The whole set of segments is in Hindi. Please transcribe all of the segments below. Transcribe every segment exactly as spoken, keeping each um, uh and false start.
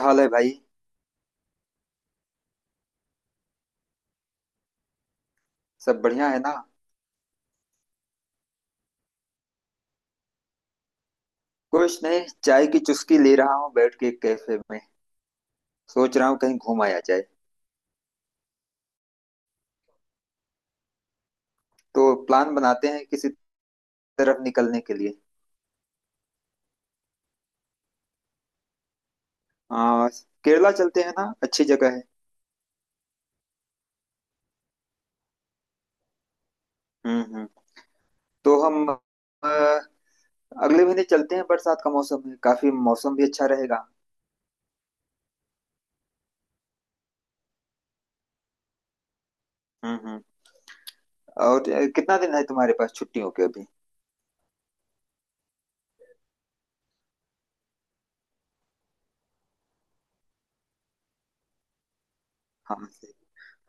हाल है भाई। सब बढ़िया है ना। कुछ नहीं, चाय की चुस्की ले रहा हूँ बैठ के कैफे में। सोच रहा हूँ कहीं घूम आया जाए। तो प्लान बनाते हैं किसी तरफ निकलने के लिए। आ, केरला चलते हैं ना, अच्छी जगह है। हम्म हम्म। तो हम आ, अगले महीने चलते हैं, बरसात का मौसम है, काफी मौसम भी अच्छा रहेगा। हम्म हम्म। और अ, कितना दिन है तुम्हारे पास छुट्टियों के अभी। हम।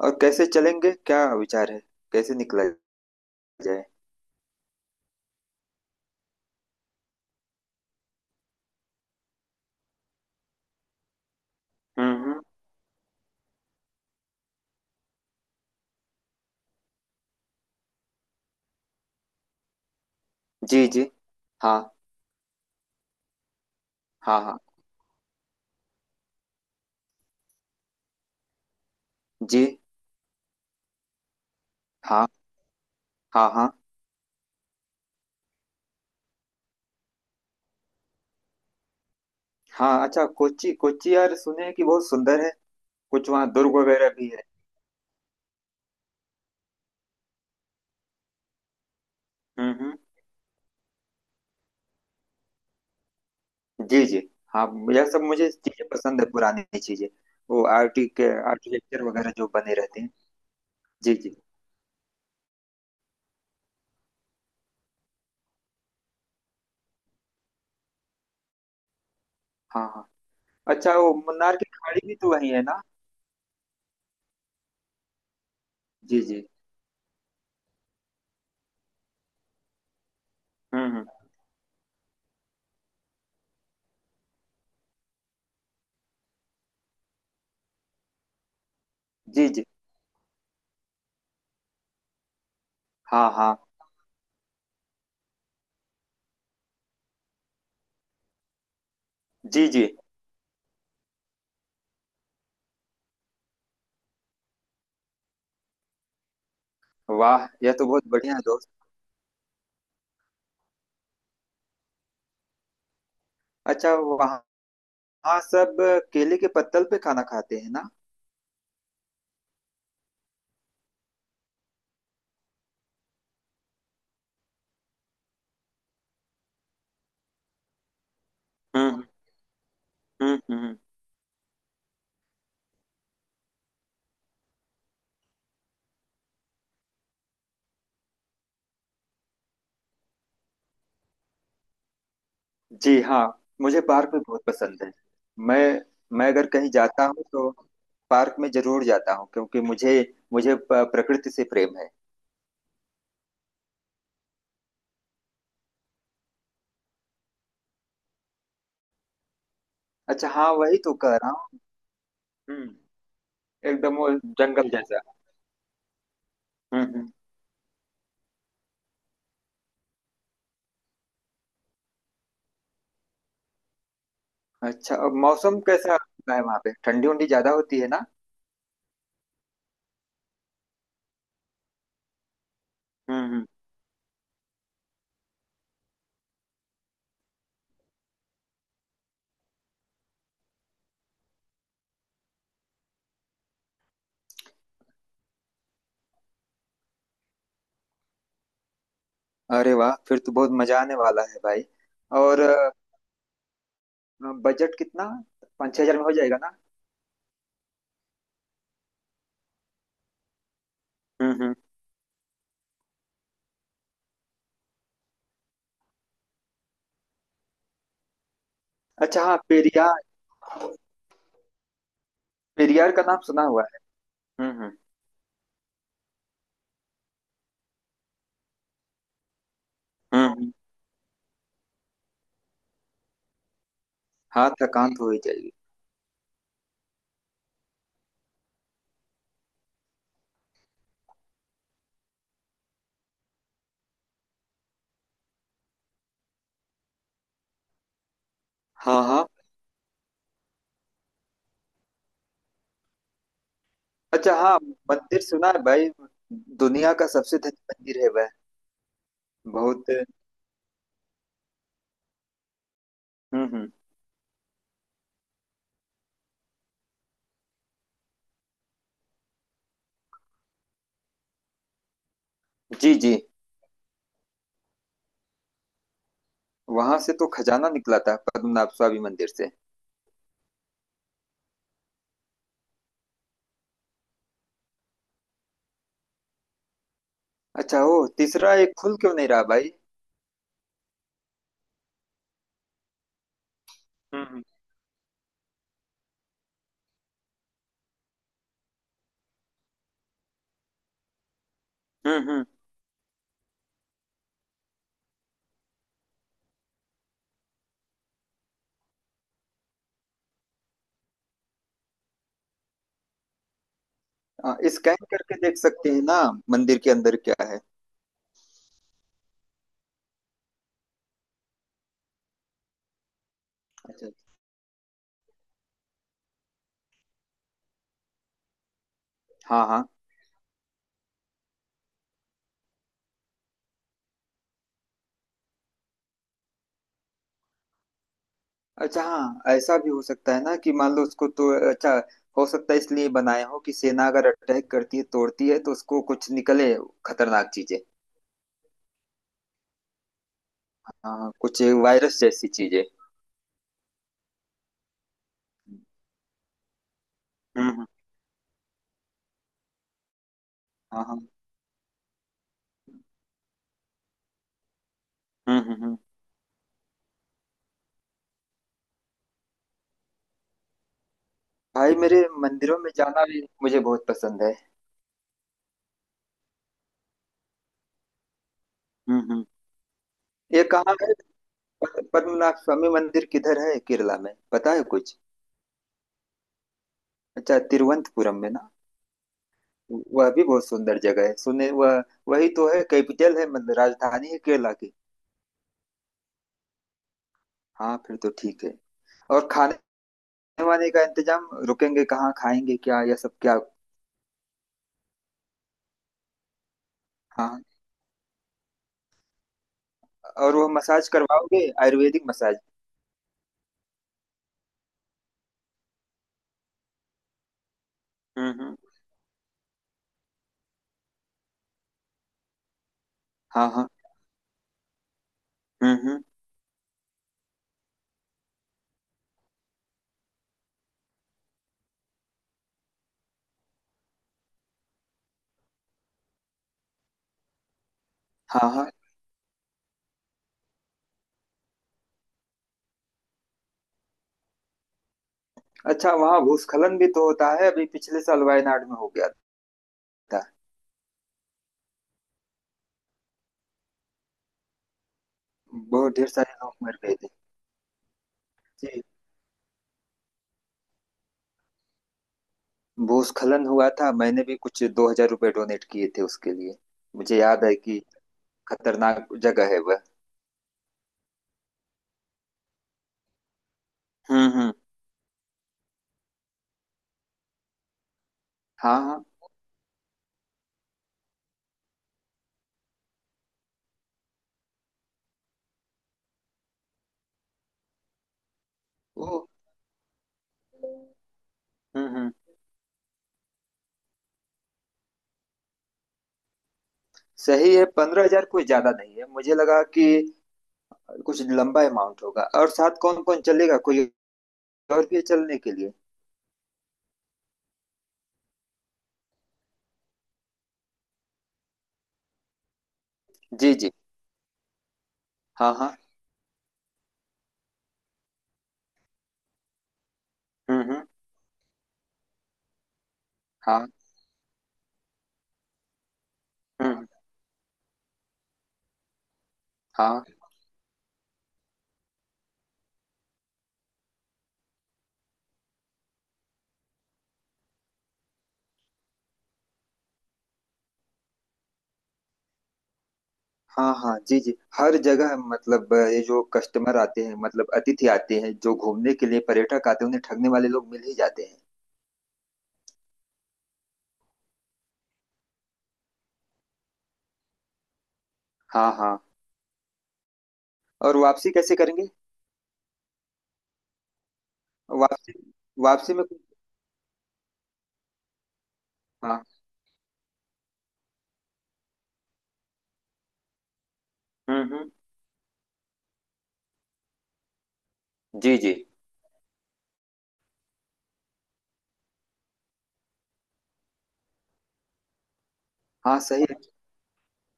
और कैसे चलेंगे, क्या विचार है? कैसे निकला जाए? हम्म हम्म। जी जी। हाँ। हाँ हाँ। जी। हाँ। हाँ हाँ। हाँ। अच्छा, कोच्चि कोच्चि यार, सुने हैं कि बहुत सुंदर है। कुछ वहाँ दुर्ग वगैरह भी है। हम्म हम्म। जी जी। हाँ। यह सब मुझे चीजें पसंद है, पुरानी चीजें। वो आर्टी के आर्किटेक्चर वगैरह जो बने रहते हैं। जी जी। हाँ हाँ। अच्छा, वो मुन्नार की खाड़ी भी तो वही है ना? जी जी। हम्म हम्म। जी जी। हाँ हाँ। जी जी। वाह, यह तो बहुत बढ़िया है दोस्त। अच्छा, वहाँ वहाँ सब केले के पत्तल पे खाना खाते हैं ना? हम्म हम्म। हम्म हम्म। जी हाँ। मुझे पार्क में बहुत पसंद है। मैं मैं अगर कहीं जाता हूँ तो पार्क में जरूर जाता हूँ, क्योंकि मुझे मुझे प- प्रकृति से प्रेम है। अच्छा हाँ, वही तो कह रहा हूँ। हम्म। एकदम वो जंगल जैसा। हम्म हम्म। अच्छा, और मौसम कैसा होता है वहाँ पे, ठंडी उंडी ज्यादा होती है ना? हम्म हम्म। अरे वाह, फिर तो बहुत मजा आने वाला है भाई। और अ, बजट कितना, पाँच छह हजार में हो जाएगा ना? हम्म हम्म। अच्छा हाँ, पेरियार पेरियार का नाम सुना हुआ है। हम्म हम्म। हम्म, हाँ, थकान तो हो ही जाएगी। हाँ हाँ। अच्छा हाँ। मंदिर सुना है भाई। दुनिया का सबसे धनी मंदिर है वह। बहुत। हम्म हम्म। जी जी। वहां से तो खजाना निकला था पद्मनाभ स्वामी मंदिर से। अच्छा, ओ तीसरा एक खुल क्यों नहीं रहा भाई? हम्म हम्म। हम्म हम्म। हाँ, स्कैन करके देख सकते हैं ना, मंदिर के अंदर क्या है। अच्छा। हाँ हाँ। अच्छा हाँ, ऐसा भी हो सकता है ना कि मान लो उसको, तो अच्छा हो सकता है इसलिए बनाए हो कि सेना अगर अटैक करती है, तोड़ती है तो उसको कुछ निकले, खतरनाक चीजें। हाँ, कुछ वायरस जैसी चीजें। हम्म हम्म, हाँ हाँ। हम्म हम्म। हम्म। भाई मेरे, मंदिरों में जाना भी मुझे बहुत पसंद है। हम्म हम्म। ये कहाँ है, पद- पद्मनाभ स्वामी मंदिर किधर है केरला में, पता है कुछ? अच्छा, तिरुवनंतपुरम में ना? वह भी बहुत सुंदर जगह है सुने वह। वही तो है, कैपिटल है, मतलब राजधानी है केरला की। हाँ फिर तो ठीक है। और खाने वाने का इंतजाम, रुकेंगे कहाँ, खाएंगे क्या, यह सब क्या? हाँ। और वह मसाज करवाओगे, आयुर्वेदिक मसाज? हम्म हम्म। हाँ हाँ। हम्म हम्म। हाँ हाँ। अच्छा, वहाँ भूस्खलन भी तो होता है, अभी पिछले साल वायनाड में हो गया था। बहुत ढेर सारे लोग मर गए थे। जी। भूस्खलन हुआ था, मैंने भी कुछ दो हजार रुपये डोनेट किए थे उसके लिए। मुझे याद है कि। खतरनाक जगह है वह। हम्म हम्म। हाँ हाँ। ओ। हम्म हम्म। सही है, पंद्रह हजार कोई ज्यादा नहीं है। मुझे लगा कि कुछ लंबा अमाउंट होगा। और साथ कौन कौन चलेगा, कोई और भी है चलने के लिए? जी जी। हाँ हाँ। हम्म हम्म। हाँ। हम्म। हाँ हाँ। हाँ। जी जी। हर जगह मतलब अ, ये जो कस्टमर आते हैं, मतलब अतिथि आते हैं जो घूमने के लिए पर्यटक आते हैं, उन्हें ठगने वाले लोग मिल ही जाते हैं। हाँ हाँ। और वापसी कैसे करेंगे? वापसी वापसी में कुछ। हाँ। हम्म हम्म। जी जी। हाँ सही है।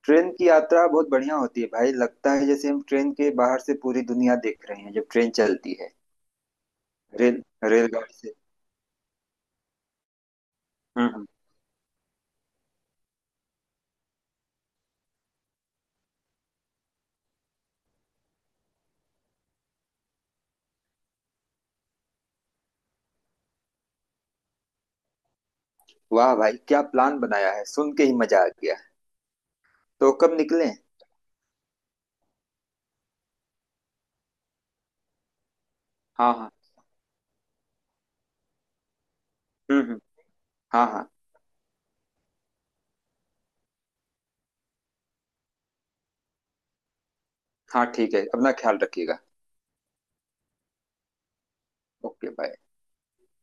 ट्रेन की यात्रा बहुत बढ़िया होती है भाई, लगता है जैसे हम ट्रेन के बाहर से पूरी दुनिया देख रहे हैं जब ट्रेन चलती है। रेल रेलगाड़ी से। हम्म हम्म। वाह भाई, क्या प्लान बनाया है, सुन के ही मजा आ गया। तो कब निकलें? हाँ हाँ। हम्म हम्म। हाँ हाँ। हाँ ठीक है, अपना ख्याल रखिएगा। Okay bye.